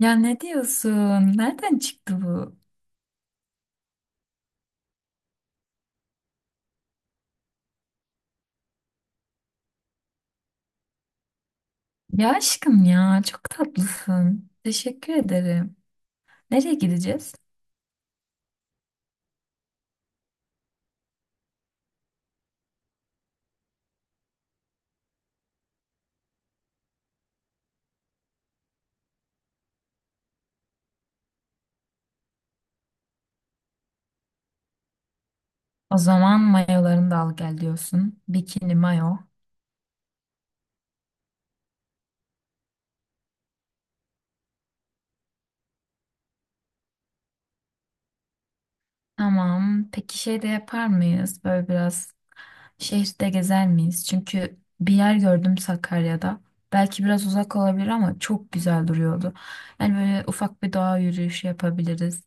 Ya ne diyorsun? Nereden çıktı bu? Ya aşkım ya çok tatlısın. Teşekkür ederim. Nereye gideceğiz? O zaman mayolarını da al gel diyorsun. Bikini mayo. Tamam. Peki şey de yapar mıyız? Böyle biraz şehirde gezer miyiz? Çünkü bir yer gördüm Sakarya'da. Belki biraz uzak olabilir ama çok güzel duruyordu. Yani böyle ufak bir doğa yürüyüşü yapabiliriz.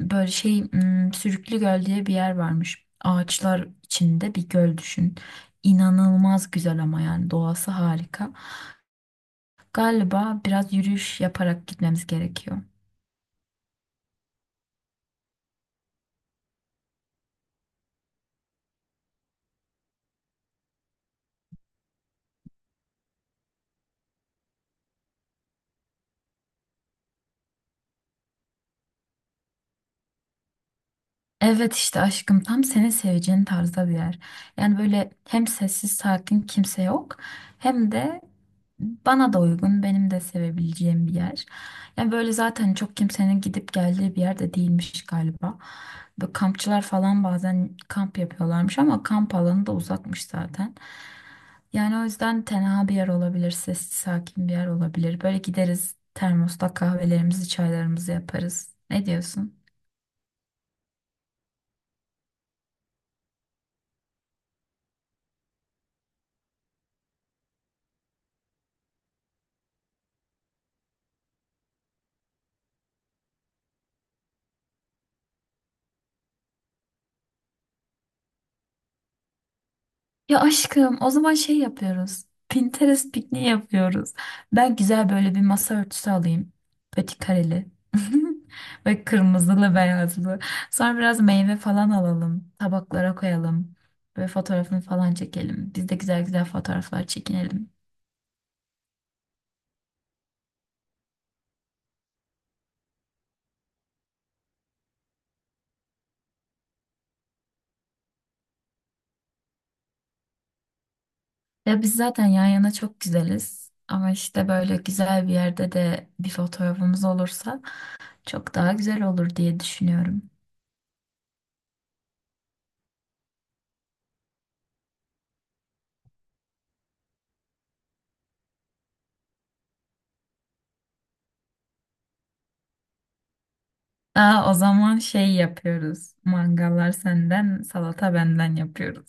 Böyle şey Sürüklü Göl diye bir yer varmış. Ağaçlar içinde bir göl düşün. İnanılmaz güzel ama yani doğası harika. Galiba biraz yürüyüş yaparak gitmemiz gerekiyor. Evet işte aşkım tam senin seveceğin tarzda bir yer. Yani böyle hem sessiz sakin kimse yok, hem de bana da uygun, benim de sevebileceğim bir yer. Yani böyle zaten çok kimsenin gidip geldiği bir yer de değilmiş galiba. Böyle kampçılar falan bazen kamp yapıyorlarmış ama kamp alanı da uzakmış zaten. Yani o yüzden tenha bir yer olabilir, sessiz sakin bir yer olabilir. Böyle gideriz, termosta kahvelerimizi çaylarımızı yaparız. Ne diyorsun? Ya aşkım, o zaman şey yapıyoruz. Pinterest pikniği yapıyoruz. Ben güzel böyle bir masa örtüsü alayım. Petit kareli. Ve kırmızılı beyazlı. Sonra biraz meyve falan alalım. Tabaklara koyalım. Böyle fotoğrafını falan çekelim. Biz de güzel güzel fotoğraflar çekinelim. Ya biz zaten yan yana çok güzeliz. Ama işte böyle güzel bir yerde de bir fotoğrafımız olursa çok daha güzel olur diye düşünüyorum. Aa, o zaman şey yapıyoruz. Mangallar senden, salata benden yapıyoruz.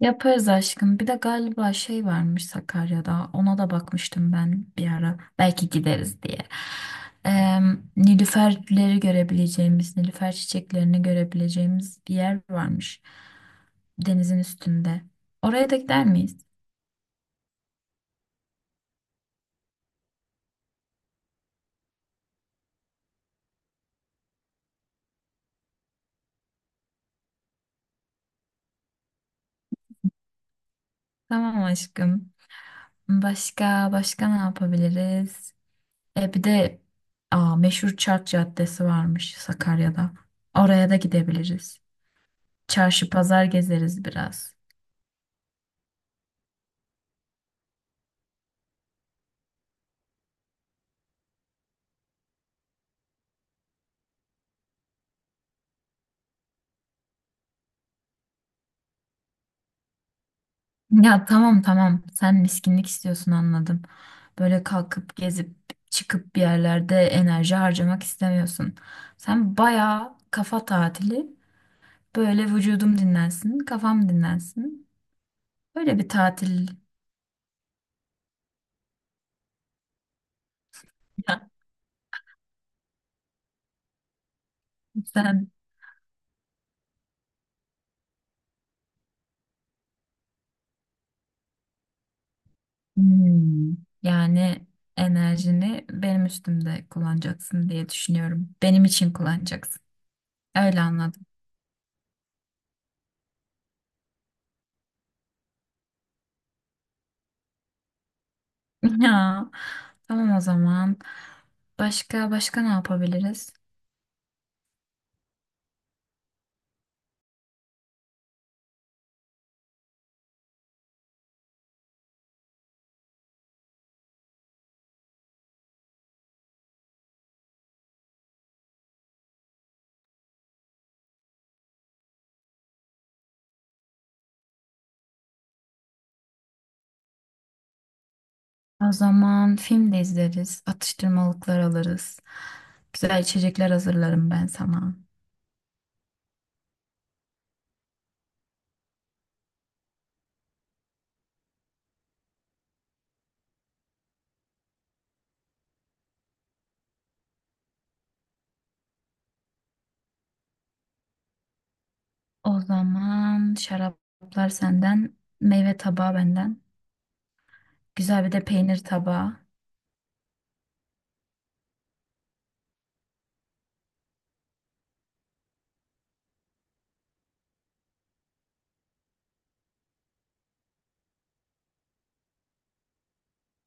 Yaparız aşkım. Bir de galiba şey varmış Sakarya'da. Ona da bakmıştım ben bir ara. Belki gideriz diye. Eee Nilüferleri görebileceğimiz, Nilüfer çiçeklerini görebileceğimiz bir yer varmış. Denizin üstünde. Oraya da gider miyiz? Tamam aşkım. Başka başka ne yapabiliriz? Bir de aa, meşhur Çark Caddesi varmış Sakarya'da. Oraya da gidebiliriz. Çarşı pazar gezeriz biraz. Ya tamam tamam, sen miskinlik istiyorsun, anladım. Böyle kalkıp gezip çıkıp bir yerlerde enerji harcamak istemiyorsun. Sen bayağı kafa tatili, böyle vücudum dinlensin kafam dinlensin. Böyle bir tatil. Ya sen Hmm. Yani enerjini benim üstümde kullanacaksın diye düşünüyorum. Benim için kullanacaksın. Öyle anladım. Ya, tamam o zaman. Başka başka ne yapabiliriz? O zaman film de izleriz, atıştırmalıklar alırız. Güzel içecekler hazırlarım ben sana. O zaman şaraplar senden, meyve tabağı benden. Güzel bir de peynir tabağı.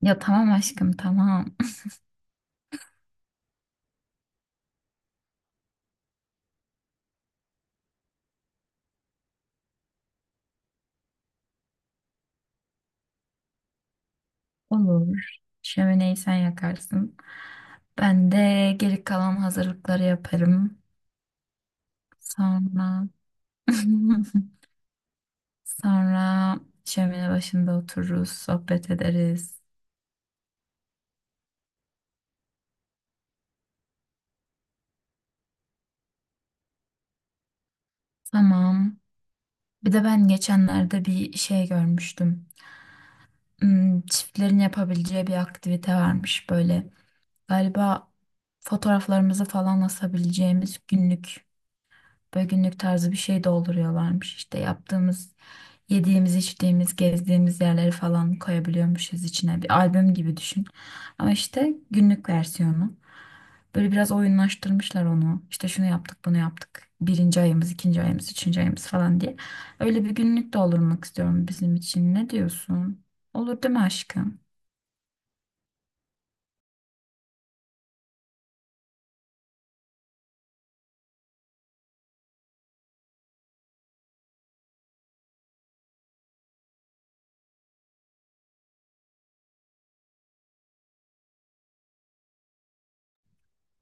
Ya tamam aşkım tamam. Olur. Şömineyi sen yakarsın. Ben de geri kalan hazırlıkları yaparım. Sonra sonra şömine başında otururuz, sohbet ederiz. Tamam. Bir de ben geçenlerde bir şey görmüştüm. Çiftlerin yapabileceği bir aktivite varmış böyle. Galiba fotoğraflarımızı falan asabileceğimiz günlük, böyle günlük tarzı bir şey dolduruyorlarmış. İşte yaptığımız, yediğimiz, içtiğimiz, gezdiğimiz yerleri falan koyabiliyormuşuz içine. Bir albüm gibi düşün. Ama işte günlük versiyonu. Böyle biraz oyunlaştırmışlar onu. İşte şunu yaptık, bunu yaptık. Birinci ayımız, ikinci ayımız, üçüncü ayımız falan diye. Öyle bir günlük doldurmak istiyorum bizim için. Ne diyorsun? Olur değil mi aşkım?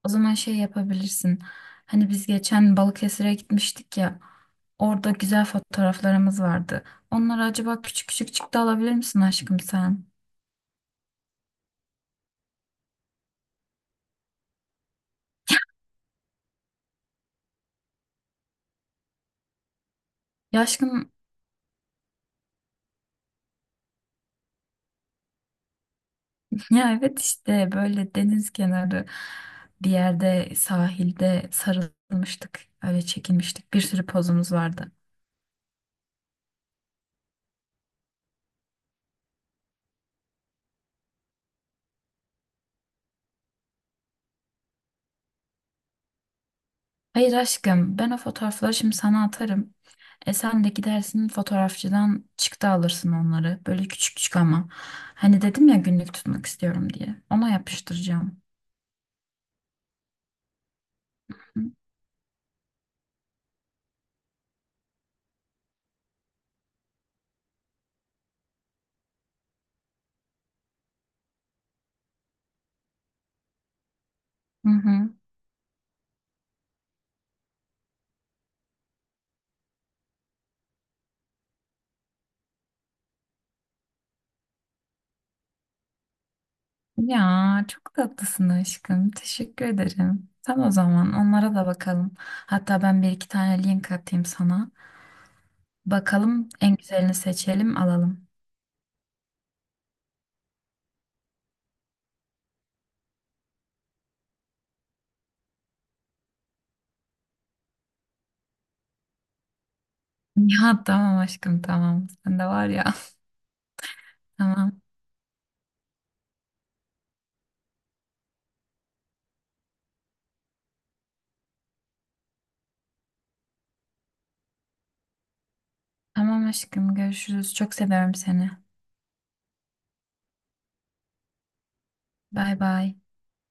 O zaman şey yapabilirsin. Hani biz geçen Balıkesir'e gitmiştik ya. Orada güzel fotoğraflarımız vardı. Onları acaba küçük küçük çıktı alabilir misin aşkım sen? Ya aşkım ya evet işte böyle deniz kenarı bir yerde sahilde sarılmıştık. Öyle çekinmiştik. Bir sürü pozumuz vardı. Hayır aşkım, ben o fotoğrafları şimdi sana atarım. E sen de gidersin fotoğrafçıdan çıktı alırsın onları. Böyle küçük küçük ama. Hani dedim ya, günlük tutmak istiyorum diye. Ona yapıştıracağım. Hı hı. Ya çok tatlısın aşkım. Teşekkür ederim. Tamam, o zaman onlara da bakalım. Hatta ben bir iki tane link atayım sana. Bakalım en güzelini seçelim alalım. Ya tamam aşkım tamam. Sen de var ya. Tamam. Tamam aşkım, görüşürüz. Çok seviyorum seni. Bay bay.